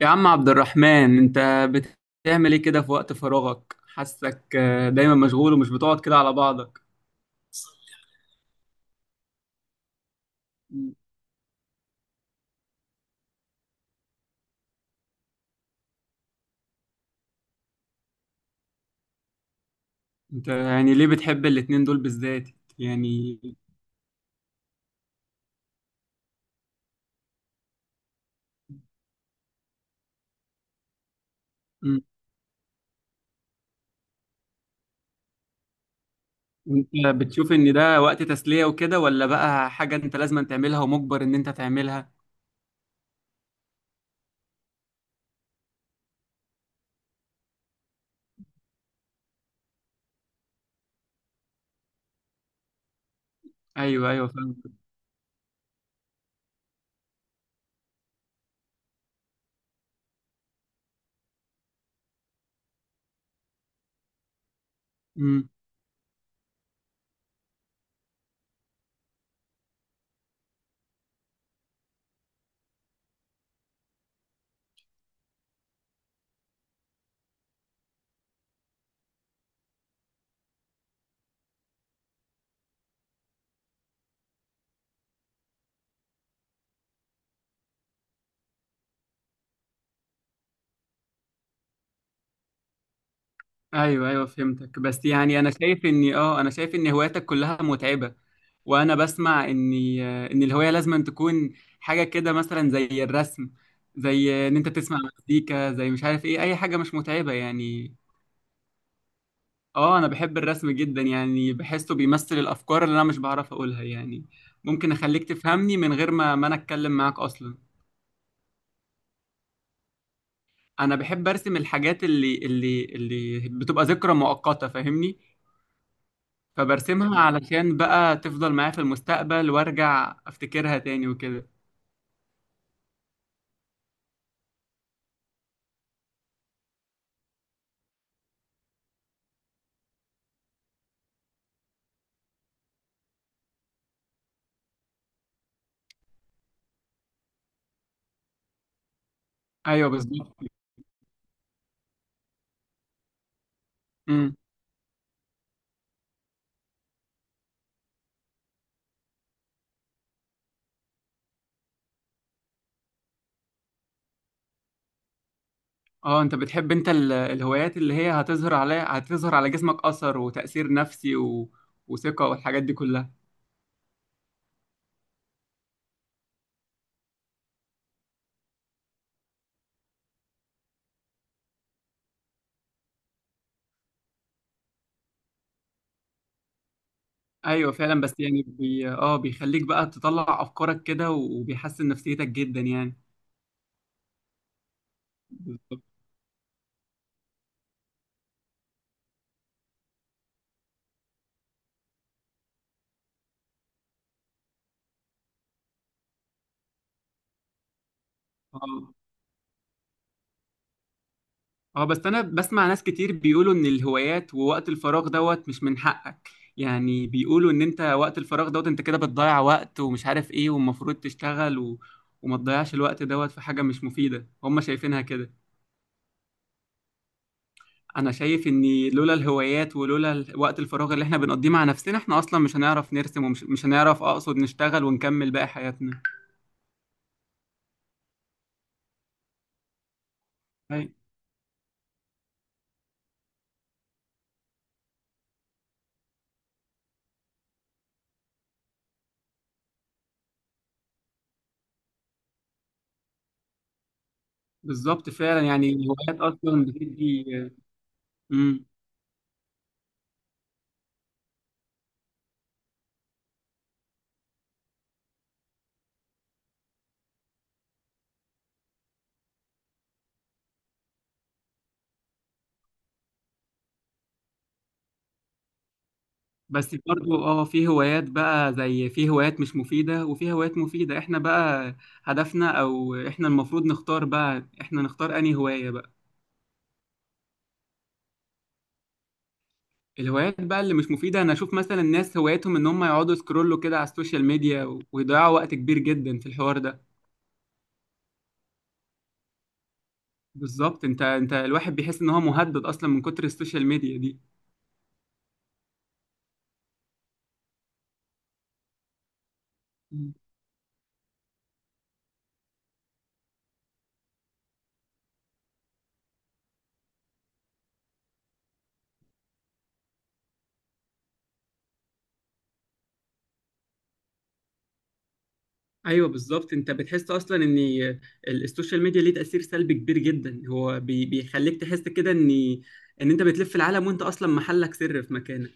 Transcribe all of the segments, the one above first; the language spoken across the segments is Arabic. يا عم عبد الرحمن، انت بتعمل ايه كده في وقت فراغك؟ حاسك دايما مشغول ومش بتقعد كده على بعضك. م. انت يعني ليه بتحب الاتنين دول بالذات يعني؟ م. انت بتشوف ان ده وقت تسلية وكده، ولا بقى حاجة انت لازم تعملها ومجبر ان انت تعملها؟ ايوه ايوه، فاهم. ايوه ايوه، فهمتك. بس يعني انا شايف اني اه انا شايف ان هواياتك كلها متعبه. وانا بسمع ان الهوايه لازم تكون حاجه كده مثلا زي الرسم، زي ان انت تسمع مزيكا، زي مش عارف ايه، اي حاجه مش متعبه يعني. اه انا بحب الرسم جدا، يعني بحسه بيمثل الافكار اللي انا مش بعرف اقولها يعني. ممكن اخليك تفهمني من غير ما انا اتكلم معاك اصلا. انا بحب ارسم الحاجات اللي بتبقى ذكرى مؤقته، فاهمني؟ فبرسمها علشان بقى تفضل معايا في المستقبل وارجع افتكرها تاني وكده. ايوه بالظبط. امم. اه انت بتحب انت الهوايات اللي هي هتظهر عليها، هتظهر على جسمك اثر وتأثير نفسي و، وثقة والحاجات دي كلها. ايوه فعلا، بس يعني بي... اه بيخليك بقى تطلع افكارك كده، وبيحسن نفسيتك جدا يعني. بالظبط، اه. بس انا بسمع ناس كتير بيقولوا ان الهوايات ووقت الفراغ دوت مش من حقك. يعني بيقولوا ان انت وقت الفراغ دوت انت كده بتضيع وقت ومش عارف ايه، والمفروض تشتغل، و... وما تضيعش الوقت دوت في حاجة مش مفيدة، هم شايفينها كده. انا شايف ان لولا الهوايات ولولا وقت الفراغ اللي احنا بنقضيه مع نفسنا، احنا اصلا مش هنعرف نرسم، ومش مش هنعرف، اقصد نشتغل ونكمل باقي حياتنا. أي، بالظبط فعلا، يعني الهوايات اصلا بتدي. مم. بس برضو في هوايات بقى، زي في هوايات مش مفيدة وفي هوايات مفيدة، احنا بقى هدفنا، او احنا المفروض نختار بقى، احنا نختار انهي هواية بقى. الهوايات بقى اللي مش مفيدة انا اشوف مثلا الناس هوايتهم ان هم يقعدوا سكرولوا كده على السوشيال ميديا ويضيعوا وقت كبير جدا في الحوار ده. بالظبط. انت الواحد بيحس ان هو مهدد اصلا من كتر السوشيال ميديا دي. ايوه بالظبط. انت بتحس اصلا ان السوشيال ميديا ليه تاثير سلبي كبير جدا. هو بيخليك تحس كده ان انت بتلف العالم وانت اصلا محلك سر في مكانك.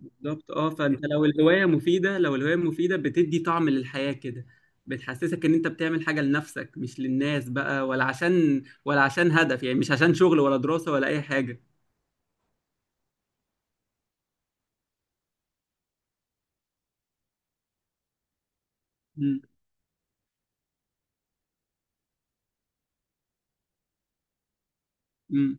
بالظبط اه. فانت لو الهوايه مفيده، بتدي طعم للحياه كده. بتحسسك ان انت بتعمل حاجه لنفسك مش للناس بقى، ولا عشان، ولا عشان هدف يعني، مش عشان شغل ولا دراسه ولا اي حاجه. امم.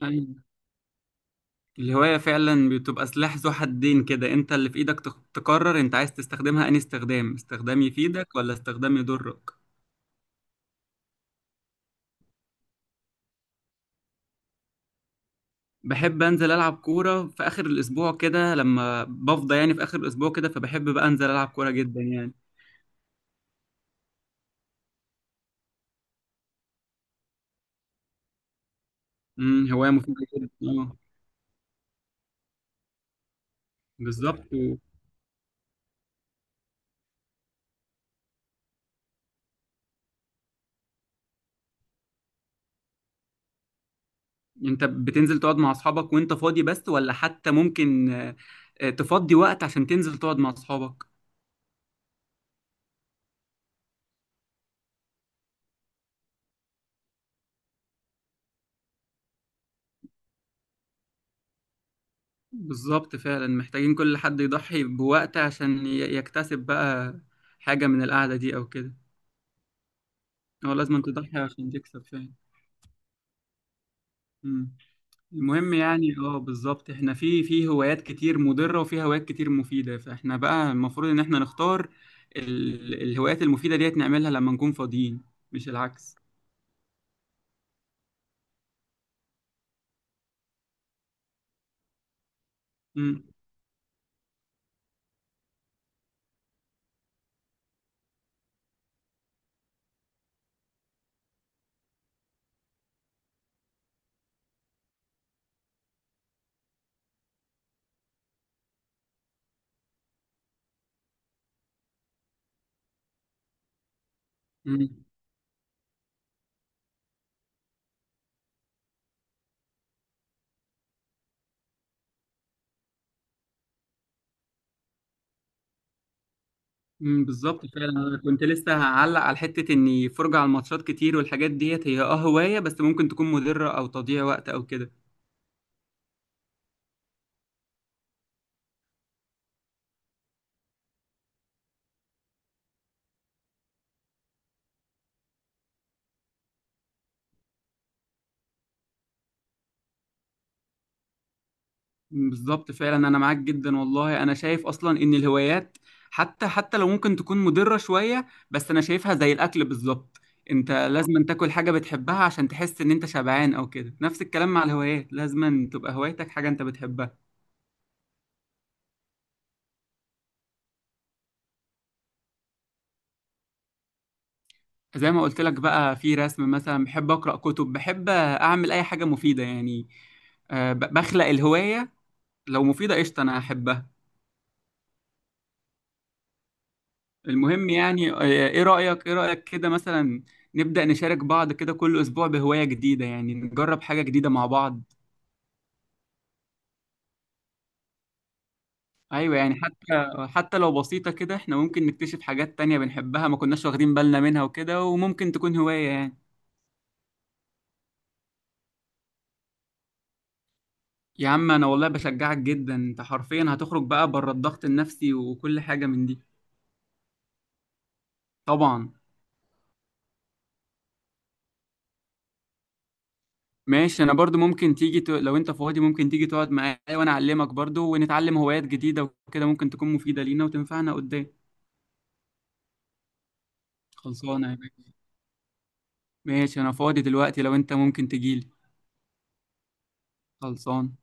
امم. الهواية فعلا بتبقى سلاح ذو حدين كده، انت اللي في ايدك تقرر انت عايز تستخدمها انهي استخدام، استخدام يفيدك ولا استخدام يضرك. بحب انزل العب كورة في اخر الاسبوع كده لما بفضى، يعني في اخر الاسبوع كده فبحب بقى انزل العب كورة جدا يعني. امم، هواية مفيدة جدا، اه. بالظبط و، انت بتنزل تقعد مع اصحابك وانت فاضي بس، ولا حتى ممكن تفضي وقت عشان تنزل تقعد مع اصحابك؟ بالظبط فعلا، محتاجين كل حد يضحي بوقت عشان يكتسب بقى حاجة من القعدة دي أو كده. هو لازم تضحي عشان تكسب فعلا. مم. المهم يعني، بالظبط احنا في هوايات كتير مضرة وفي هوايات كتير مفيدة، فاحنا بقى المفروض ان احنا نختار الهوايات المفيدة ديت نعملها لما نكون فاضيين، مش العكس. مم. مم. مم. بالظبط فعلا، انا كنت لسه هعلق على حتة اني فرجة على الماتشات كتير والحاجات ديت هي هواية، بس ممكن تكون مضرة او تضييع وقت او كده. بالظبط فعلا، انا معاك جدا. والله انا شايف اصلا ان الهوايات، حتى لو ممكن تكون مضرة شوية، بس انا شايفها زي الاكل بالظبط. انت لازم تاكل حاجة بتحبها عشان تحس ان انت شبعان او كده، نفس الكلام مع الهوايات، لازم تبقى هوايتك حاجة انت بتحبها. زي ما قلت لك بقى، في رسم مثلا، بحب اقرأ كتب، بحب اعمل اي حاجة مفيدة يعني. بخلق الهواية، لو مفيدة قشطة انا احبها. المهم يعني، ايه رأيك، كده مثلا نبدأ نشارك بعض كده كل اسبوع بهواية جديدة؟ يعني نجرب حاجة جديدة مع بعض. ايوه يعني، حتى لو بسيطة كده احنا ممكن نكتشف حاجات تانية بنحبها ما كناش واخدين بالنا منها وكده، وممكن تكون هواية يعني. يا عم انا والله بشجعك جدا، انت حرفيا هتخرج بقى بره الضغط النفسي وكل حاجة من دي. طبعا. ماشي، انا برضو ممكن تيجي لو انت فاضي ممكن تيجي تقعد معايا وانا اعلمك برضو، ونتعلم هوايات جديدة وكده ممكن تكون مفيدة لينا وتنفعنا قدام. خلصانة يا باشا. ماشي، انا فاضي دلوقتي لو انت ممكن تجيلي. خلصان.